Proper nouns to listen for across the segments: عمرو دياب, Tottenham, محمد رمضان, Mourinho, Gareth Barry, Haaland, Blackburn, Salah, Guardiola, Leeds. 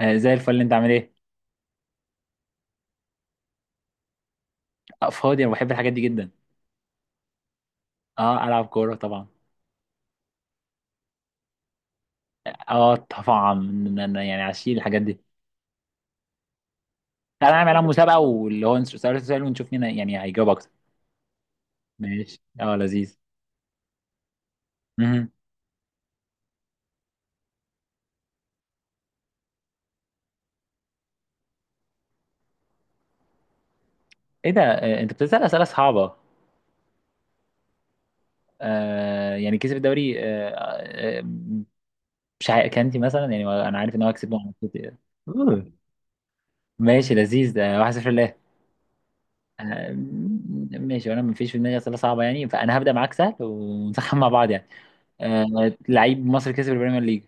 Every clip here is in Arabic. آه، زي الفل انت عامل ايه. آه، فاضي انا بحب الحاجات دي جدا. اه العب كوره طبعا. اه طبعا انا يعني عشيل الحاجات دي. تعالى نعمل عليها مسابقه واللي هو سؤال سؤال ونشوف مين يعني هيجاوب اكتر. ماشي، اه لذيذ. مهم. ايه ده، انت بتسال اسئله صعبه. آه، يعني كسب الدوري، آه. آه، مش عارف كانتي مثلا، يعني انا عارف ان هو كسبه مع السيتي. مم. ماشي لذيذ، ده 1-0 لله. آه، ماشي، وانا مفيش في دماغي اسئله صعبه يعني، فانا هبدا معاك سهل ونسخن مع بعض يعني. آه، لعيب مصري كسب البريمير ليج.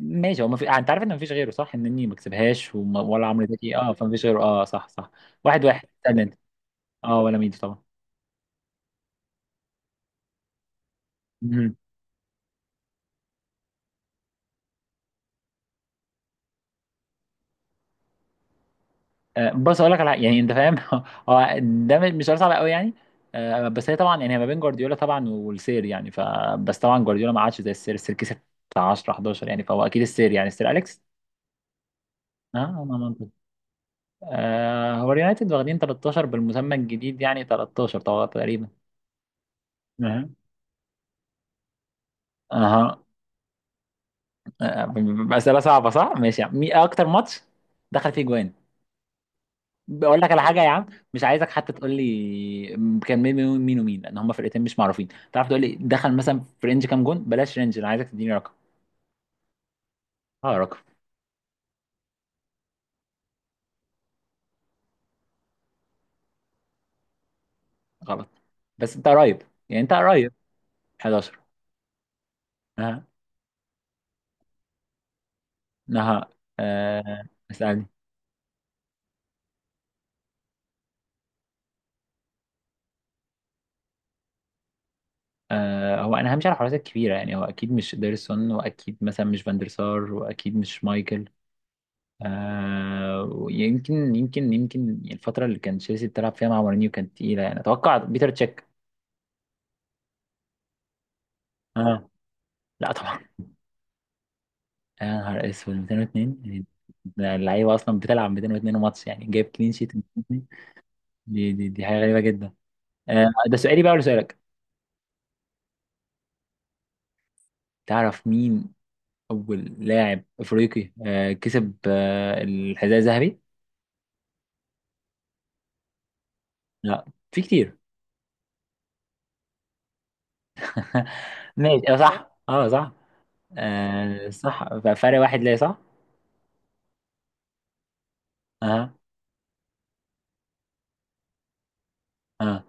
ماشي، هو ما في، انت عارف ان مفيش غيره صح؟ انني ما كسبهاش ولا عمرو زكي، اه، فمفيش غيره، اه صح صح. واحد واحد، استنى انت. اه ولا ميدو طبعا. مهم. آه بص، اقول لك على يعني انت فاهم هو ده مش سؤال صعب قوي يعني. آه، بس هي طبعا يعني، هي ما بين جوارديولا طبعا والسير يعني، ف. بس طبعا جوارديولا ما عادش زي السير كسب بتاع 10 11 يعني، فهو اكيد السير يعني السير اليكس. اه، ما منطقي. آه. آه، هو اليونايتد واخدين 13 بالمسمى الجديد يعني، 13 طبعا تقريبا. اها. اها. آه، أسئلة صعبة صح؟ ماشي يا عم، مين أكتر ماتش دخل فيه جوان؟ بقول لك على حاجة يا عم. مش عايزك حتى تقول لي كان مين ومين لأن هما فرقتين مش معروفين. تعرف تقول لي دخل مثلا في رينج كام جون؟ بلاش رينج، أنا عايزك تديني رقم. اه، رقم. غلط، بس أنت قريب، يعني أنت قريب. 11. ها. نها. آه. اسألني. آه، هو أنا همشي على الحراسة الكبيرة يعني، هو أكيد مش ديرسون، وأكيد مثلا مش فاندرسار، وأكيد مش مايكل. آه، ويمكن يمكن يمكن الفترة اللي كان تشيلسي بتلعب فيها مع مورينيو كانت تقيلة يعني، أتوقع بيتر تشيك. آه. لا طبعا. يا نهار أسود 202 يعني. اللعيبة أصلا بتلعب 202 ماتش يعني، جايب كلين شيت 202. دي حاجة غريبة جدا. آه، ده سؤالي بقى ولا سؤالك؟ تعرف مين أول لاعب أفريقي كسب الحذاء الذهبي؟ لا. في كتير. ماشي آه، صح، اه صح. آه صح، ففرق واحد ليه، صح؟ اه. آه.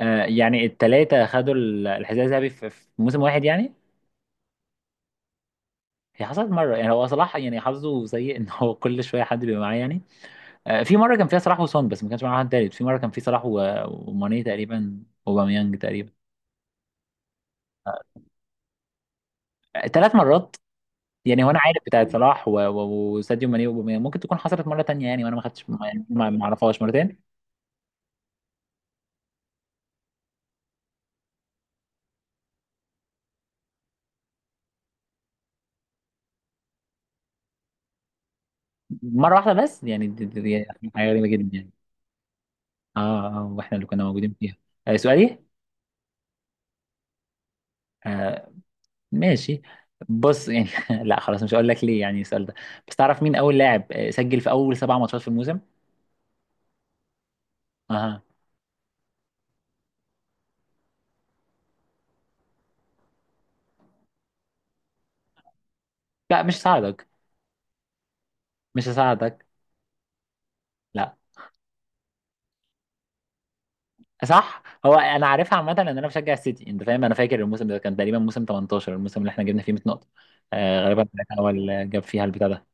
آه، يعني التلاتة خدوا الحذاء الذهبي في موسم واحد يعني. هي حصلت مرة يعني، هو صلاح يعني حظه سيء ان هو كل شوية حد بيبقى معاه يعني. آه، في مرة كان فيها صلاح وسون بس ما كانش معاه حد تالت، في مرة كان فيه صلاح وماني تقريبا وباميانج تقريبا. آه، 3 مرات. يعني هو انا عارف بتاعت صلاح وساديو ماني وباميانج، ممكن تكون حصلت مرة تانية يعني، وانا ما خدتش ما يعني، ما اعرفهاش مرتين. مرة واحدة بس يعني، دي حاجة غريبة جدا يعني. اه اه، واحنا اللي كنا موجودين فيها. آه سؤالي. آه، ماشي. بص يعني. لا خلاص، مش هقول لك ليه يعني السؤال ده. بس تعرف مين اول لاعب سجل في اول 7 ماتشات في الموسم؟ اها. لا مش هساعدك. مش هساعدك. لا. صح، هو انا عارفها عامه لان انا بشجع السيتي، انت فاهم، انا فاكر الموسم ده كان تقريبا موسم 18، الموسم اللي احنا جبنا فيه 100 نقطه. آه غالبا ده كان اول جاب فيها البتاع ده.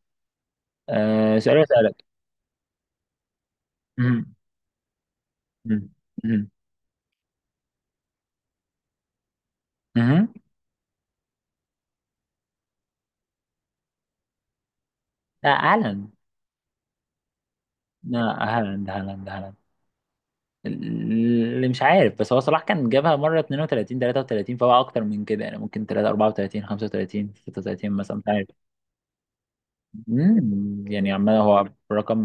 آه سؤال اسالك. مهم. مهم. مهم. مهم. لا هالاند. لا. هالاند هالاند هالاند. اللي مش عارف، بس هو صلاح كان جابها مرة 32 33، فهو أكتر من كده يعني، ممكن 3 34 35 36 مثلا، مش عارف. مم، يعني عمال هو رقم.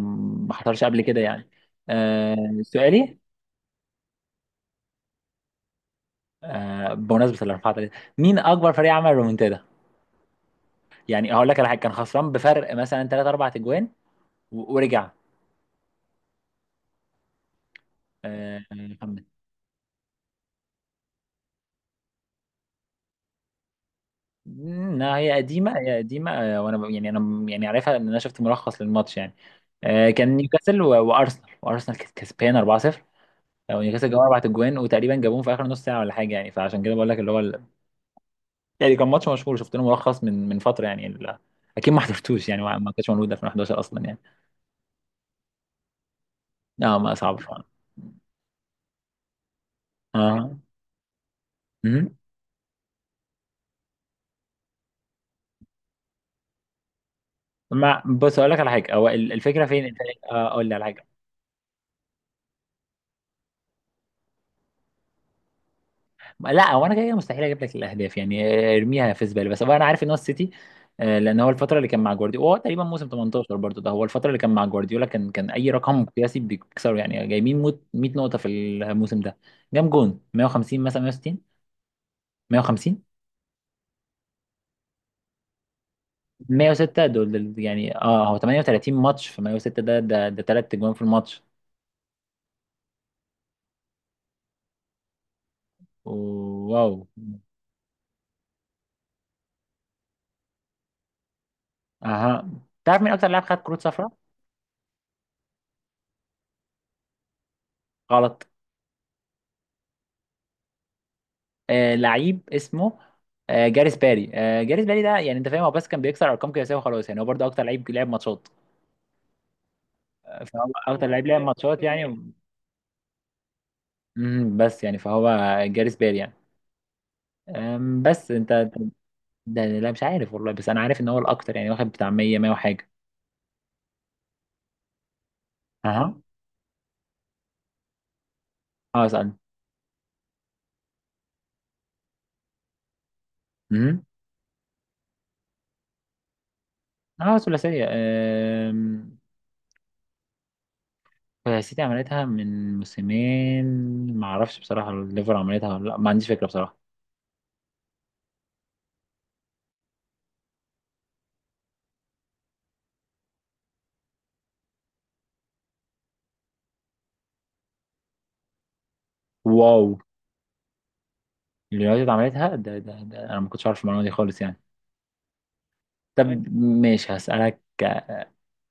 ما حصلش قبل كده يعني. آه سؤالي. آه، بمناسبة الأربعة تلاتة، مين أكبر فريق عمل رومنتادا؟ يعني هقول لك على حاجة، كان خسران بفرق مثلا 3 4 أجوان ورجع. آه. لا هي قديمة، هي قديمة، وانا يعني انا يعني عارفها ان انا شفت ملخص للماتش يعني. آه، كان نيوكاسل وارسنال كانت كسبان 4-0. او نيوكاسل جابوا 4 اجوان، وتقريبا جابوهم في اخر نص ساعة ولا حاجة يعني، فعشان كده بقول لك اللي هو يعني كان ماتش مشهور شفت له ملخص من فترة يعني اكيد ما حضرتوش يعني، ما كانش موجود 2011 اصلا يعني. اه، ما صعب فعلا. اه. مهم. ما بص، اقول لك على حاجة، هو الفكرة فين؟ اقول لك على حاجة. لا هو انا كده كده مستحيل اجيب لك الاهداف يعني. آه، ارميها في زباله، بس هو انا عارف ان هو السيتي. آه، لان هو الفتره اللي كان مع جوارديولا، هو تقريبا موسم 18 برضه ده، هو الفتره اللي كان مع جوارديولا، كان اي رقم قياسي بيكسره يعني، جايبين 100 نقطه في الموسم ده. جام جون 150 مثلا، 160. 150. 106، دول يعني، اه هو 38 ماتش في 106، ده 3 اجوان في الماتش. واو. اها. تعرف مين اكتر لاعب خد كروت صفراء؟ غلط. آه، لعيب اسمه. آه، جاريث باري ده يعني، انت فاهم، هو بس كان بيكسر ارقام قياسيه وخلاص يعني، هو برضه اكتر لعيب لعب ماتشات. فهو اكتر لعيب لعب ماتشات يعني. بس يعني فهو جاريث باري يعني. بس ده لا، مش عارف والله، بس انا عارف ان هو الاكتر يعني، واخد بتاع 100 100 وحاجه. اها. اه اسال. امم اه ثلاثيه، السيتي عملتها من موسمين. ما اعرفش بصراحه، الليفر عملتها ولا لا، ما عنديش فكره بصراحه. واو. اليونايتد عملتها، ده انا ما كنتش عارف المعلومه دي خالص يعني. أيوة. طب ماشي هسألك.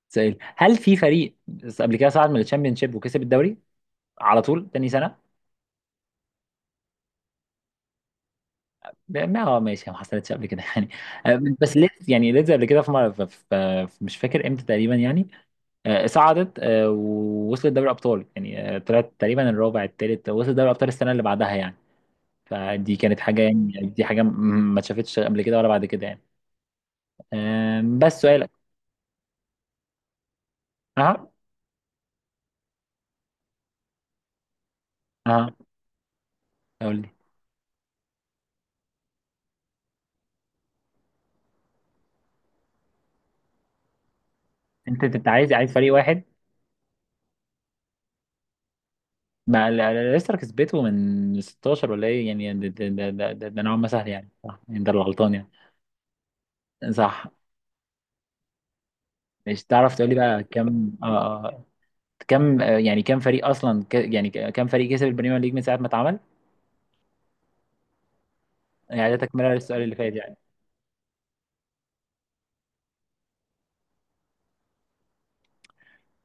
سؤال، هل في فريق قبل كده صعد من الشامبيونشيب وكسب الدوري على طول تاني سنه؟ ما هو ماشي، ما حصلتش قبل كده يعني. آه، بس ليدز يعني، ليدز قبل كده في مره في مش فاكر امتى تقريبا يعني. صعدت، ووصلت دوري ابطال يعني، طلعت تقريبا الرابع الثالث، وصلت دوري ابطال السنه اللي بعدها يعني. فدي كانت حاجه يعني، دي حاجه ما اتشافتش قبل كده ولا بعد كده يعني. آه، بس سؤالك. اه. اه. قول. انت عايز فريق واحد. ما لسه كسبته من 16 ولا ايه يعني؟ ده نوعا ما سهل يعني صح يعني، ده اللي غلطان يعني. صح. مش تعرف تقول لي بقى كم كم يعني كم فريق اصلا، يعني كم فريق كسب البريمير ليج من ساعه ما اتعمل؟ يعني ده تكمله للسؤال اللي فات يعني.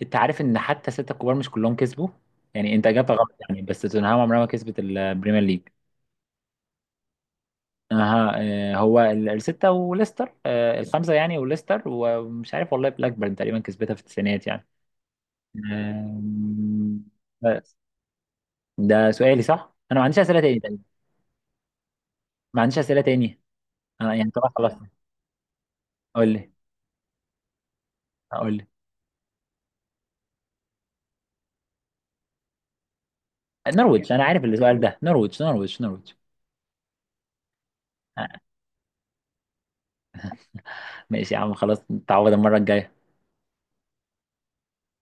انت عارف ان حتى سته الكبار مش كلهم كسبوا؟ يعني انت اجابتك غلط يعني، بس توتنهام عمرها ما كسبت البريمير ليج. اها. آه، هو الستة وليستر، الخمسة يعني، وليستر، ومش عارف والله، بلاكبيرن تقريبا كسبتها في التسعينات يعني. آم، بس ده سؤالي صح؟ أنا ما عنديش أسئلة تاني تقريبا. ما عنديش أسئلة تاني. أنا يعني طبعا خلاص. قول لي. قول لي. نرويج، أنا عارف السؤال ده، نرويج نرويج نرويج. آه، ماشي يا عم، خلاص نتعوض المرة الجاية.